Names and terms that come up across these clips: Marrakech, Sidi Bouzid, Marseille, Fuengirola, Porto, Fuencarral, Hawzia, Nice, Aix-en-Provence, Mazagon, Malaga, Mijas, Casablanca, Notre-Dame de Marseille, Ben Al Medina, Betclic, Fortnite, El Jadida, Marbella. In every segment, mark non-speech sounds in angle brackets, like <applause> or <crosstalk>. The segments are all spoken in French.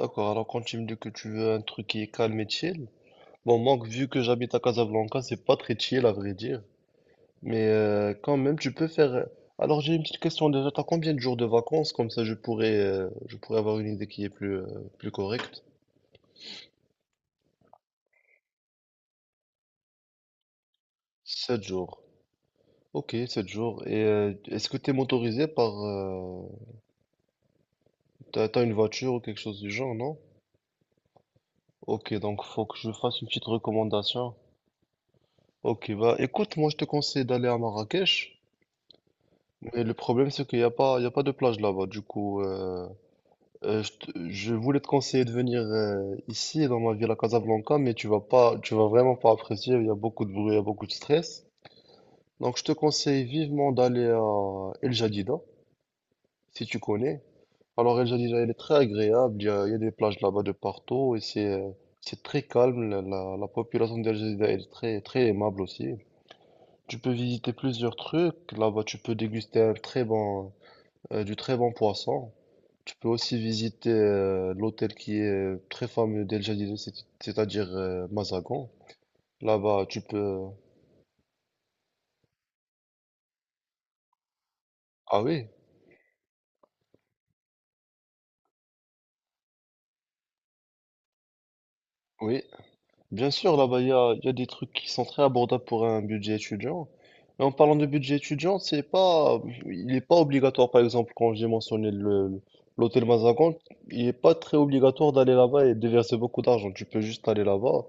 D'accord, alors quand tu me dis que tu veux un truc qui est calme et chill, bon, moi, vu que j'habite à Casablanca, c'est pas très chill à vrai dire, mais quand même, tu peux faire. Alors, j'ai une petite question déjà, t'as combien de jours de vacances? Comme ça, je pourrais avoir une idée qui est plus correcte. 7 jours. Ok, 7 jours. Et est-ce que t'es motorisé par. T'as une voiture ou quelque chose du genre, non? Ok, donc faut que je fasse une petite recommandation. Ok, bah écoute, moi je te conseille d'aller à Marrakech. Mais le problème, c'est qu'il n'y a pas, il y a pas de plage là-bas. Du coup, je voulais te conseiller de venir ici, dans ma ville à Casablanca, mais tu vas pas, tu vas vraiment pas apprécier. Il y a beaucoup de bruit, il y a beaucoup de stress. Donc, je te conseille vivement d'aller à El Jadida, si tu connais. Alors, El Jadida, elle est très agréable. Il y a des plages là-bas de partout et c'est très calme. La population d'El Jadida, elle est très, très aimable aussi. Tu peux visiter plusieurs trucs. Là-bas, tu peux déguster du très bon poisson. Tu peux aussi visiter l'hôtel qui est très fameux d'El Jadid, c'est-à-dire Mazagon. Là-bas, tu peux. Ah oui, oui. Bien sûr, là-bas, il y a des trucs qui sont très abordables pour un budget étudiant. Mais en parlant de budget étudiant, c'est pas, il n'est pas obligatoire, par exemple, quand j'ai mentionné l'hôtel Mazagon, il n'est pas très obligatoire d'aller là-bas et de verser beaucoup d'argent. Tu peux juste aller là-bas,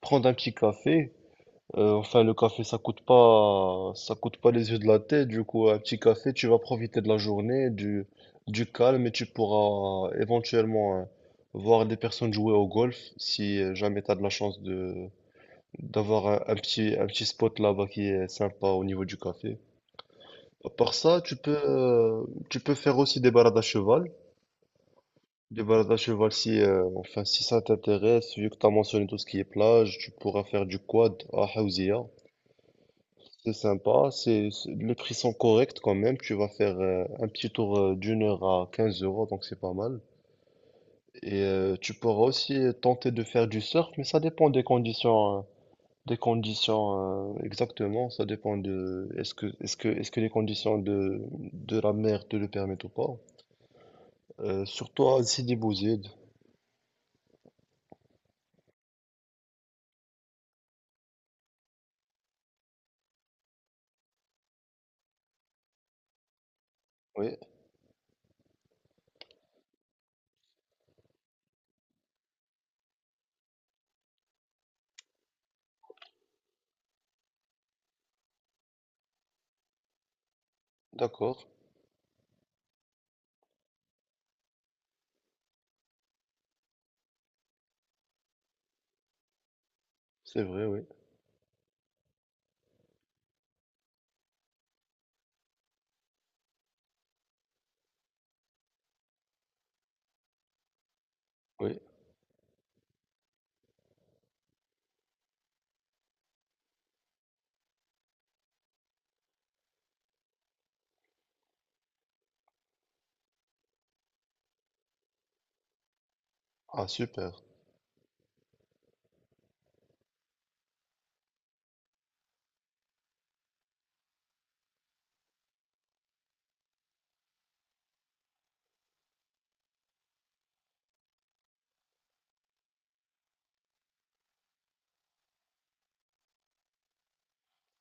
prendre un petit café. Enfin, le café, ça coûte pas les yeux de la tête. Du coup, un petit café, tu vas profiter de la journée, du calme et tu pourras éventuellement voir des personnes jouer au golf si jamais tu as de la chance de d'avoir un petit spot là-bas qui est sympa au niveau du café. À part ça, tu peux faire aussi des balades à cheval. Des balades à cheval si, enfin, si ça t'intéresse, vu que tu as mentionné tout ce qui est plage, tu pourras faire du quad à Hawzia. C'est sympa, les prix sont corrects quand même. Tu vas faire un petit tour d'une heure à 15 euros, donc c'est pas mal. Et tu pourras aussi tenter de faire du surf, mais ça dépend des conditions exactement. Ça dépend de est-ce que les conditions de la mer te le permettent ou pas. Surtout à Sidi Bouzid. Oui, d'accord, c'est vrai, oui, oui. Ah super.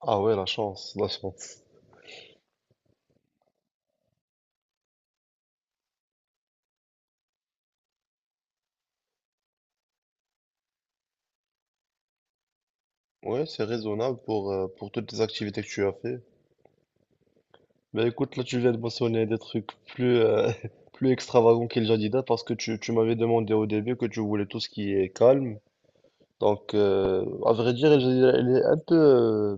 Ah ouais, la chance, la chance. Ouais, c'est raisonnable pour toutes les activités que tu as fait. Bah écoute, là tu viens de mentionner des trucs plus, <laughs> plus extravagants que le Jadida parce que tu m'avais demandé au début que tu voulais tout ce qui est calme. À vrai dire, le Jadida, elle est un peu, euh,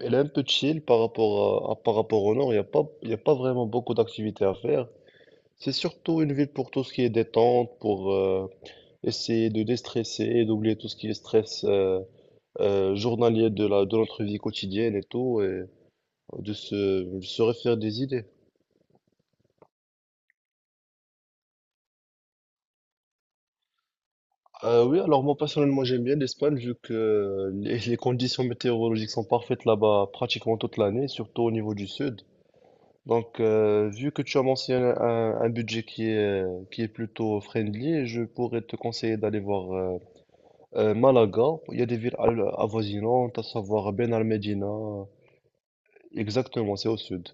elle est un peu chill par rapport par rapport au nord. Il n'y a pas, il y a pas vraiment beaucoup d'activités à faire. C'est surtout une ville pour tout ce qui est détente, pour essayer de déstresser, et d'oublier tout ce qui est stress journalier de de notre vie quotidienne et tout, et de se refaire des idées. Oui, alors moi personnellement j'aime bien l'Espagne vu que les conditions météorologiques sont parfaites là-bas pratiquement toute l'année, surtout au niveau du sud. Vu que tu as mentionné un budget qui est plutôt friendly, je pourrais te conseiller d'aller voir Malaga. Il y a des villes avoisinantes, à savoir Ben Al Medina. Exactement, c'est au sud.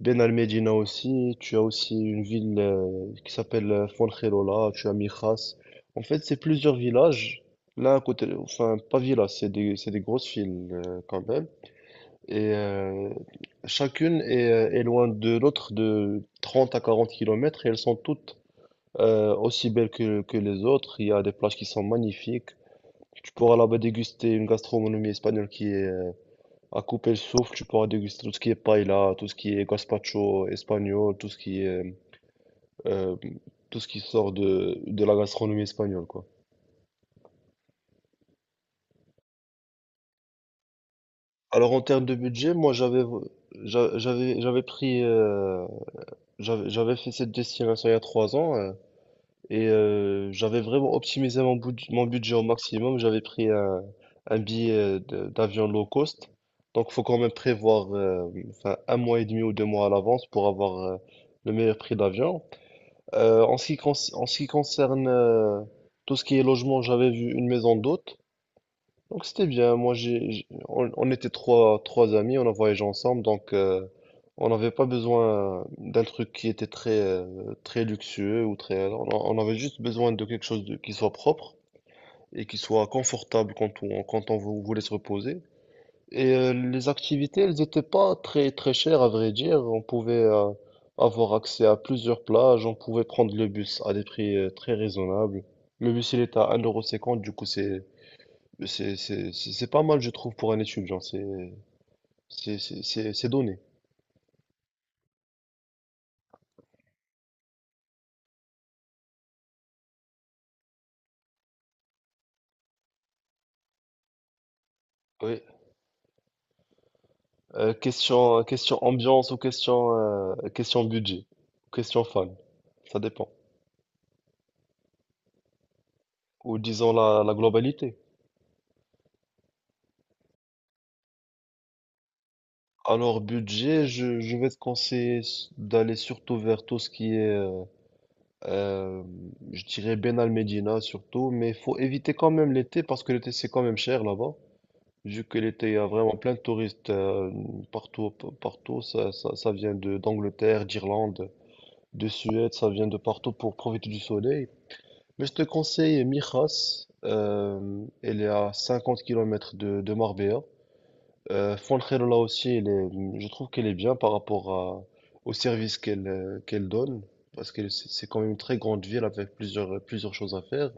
Ben al Medina aussi, tu as aussi une ville qui s'appelle Fuengirola, tu as Mijas. En fait, c'est plusieurs villages. Là, à côté, enfin, pas villages, c'est des grosses villes quand même. Et chacune est loin de l'autre de 30 à 40 kilomètres et elles sont toutes aussi belles que les autres. Il y a des plages qui sont magnifiques. Tu pourras là-bas déguster une gastronomie espagnole qui est à couper le souffle, tu pourras déguster tout ce qui est paella, tout ce qui est gazpacho espagnol, tout ce qui est euh, tout ce qui sort de la gastronomie espagnole, quoi. Alors en termes de budget, moi j'avais j'a- j'avais j'avais pris j'avais j'avais fait cette destination il y a 3 ans et j'avais vraiment optimisé mon budget au maximum. J'avais pris un billet d'avion low cost, donc faut quand même prévoir enfin, un mois et demi ou 2 mois à l'avance pour avoir le meilleur prix d'avion. En ce qui concerne tout ce qui est logement, j'avais vu une maison d'hôte. Donc c'était bien. Moi, on était trois amis, on a voyagé ensemble. On n'avait pas besoin d'un truc qui était très luxueux ou très. On avait juste besoin de quelque chose qui soit propre et qui soit confortable quand on voulait se reposer. Et les activités, elles n'étaient pas très très chères à vrai dire. On pouvait avoir accès à plusieurs plages, on pouvait prendre le bus à des prix très raisonnables. Le bus, il est à 1,50€, du coup c'est pas mal je trouve pour un étudiant, c'est donné. Oui. Question ambiance ou question budget, question fan, ça dépend. Ou disons la globalité. Alors budget, je vais te conseiller d'aller surtout vers tout ce qui est Euh, je dirais Ben Al Medina surtout, mais faut éviter quand même l'été parce que l'été c'est quand même cher là-bas. Vu que l'été il y a vraiment plein de touristes partout, ça vient de d'Angleterre, d'Irlande, de Suède, ça vient de partout pour profiter du soleil. Mais je te conseille Mijas, elle est à 50 km de Marbella. Fuencarral, là aussi, je trouve qu'elle est bien par rapport au service qu'elle donne, parce que c'est quand même une très grande ville avec plusieurs, plusieurs choses à faire.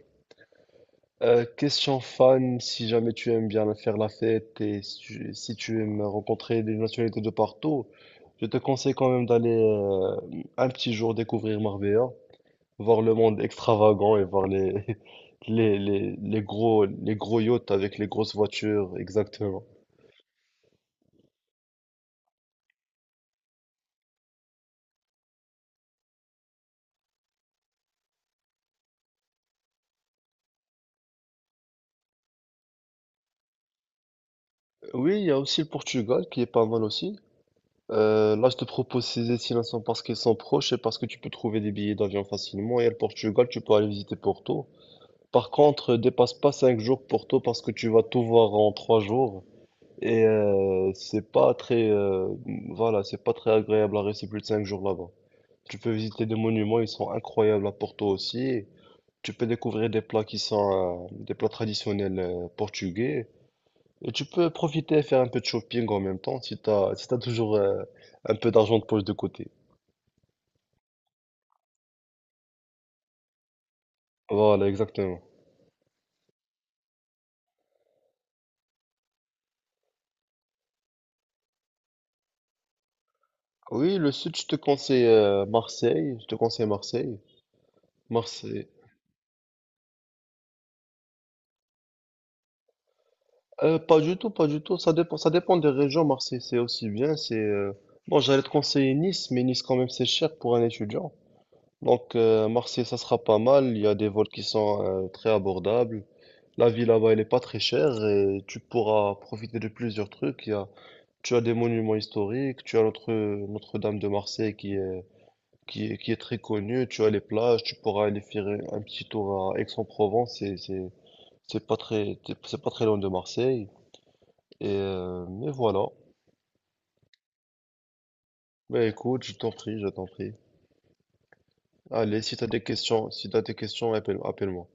Question fan, si jamais tu aimes bien faire la fête et si tu aimes rencontrer des nationalités de partout, je te conseille quand même d'aller un petit jour découvrir Marbella, voir le monde extravagant et voir les, <laughs> les gros yachts avec les grosses voitures, exactement. Oui, il y a aussi le Portugal qui est pas mal aussi. Là, je te propose ces destinations parce qu'elles sont proches et parce que tu peux trouver des billets d'avion facilement. Et le Portugal, tu peux aller visiter Porto. Par contre, dépasse pas 5 jours Porto parce que tu vas tout voir en 3 jours. Et c'est pas très, voilà, c'est pas très agréable à rester plus de 5 jours là-bas. Tu peux visiter des monuments, ils sont incroyables à Porto aussi. Tu peux découvrir des plats qui sont des plats traditionnels portugais. Et tu peux profiter et faire un peu de shopping en même temps si t'as, toujours un peu d'argent de poche de côté. Voilà, exactement. Oui, le sud, je te conseille Marseille. Je te conseille Marseille. Marseille. Pas du tout, pas du tout. Ça dépend des régions. Marseille, c'est aussi bien. C'est bon, j'allais te conseiller Nice, mais Nice quand même c'est cher pour un étudiant. Marseille, ça sera pas mal. Il y a des vols qui sont très abordables. La vie là-bas, elle est pas très chère et tu pourras profiter de plusieurs trucs. Il y a Tu as des monuments historiques, tu as notre Notre-Dame de Marseille qui est très connue, tu as les plages, tu pourras aller faire un petit tour à Aix-en-Provence, c'est pas très, c'est pas très loin de Marseille. Et voilà. Ben écoute, je t'en prie, je t'en prie. Allez, si t'as des questions, si t'as des questions, appelle, appelle-moi.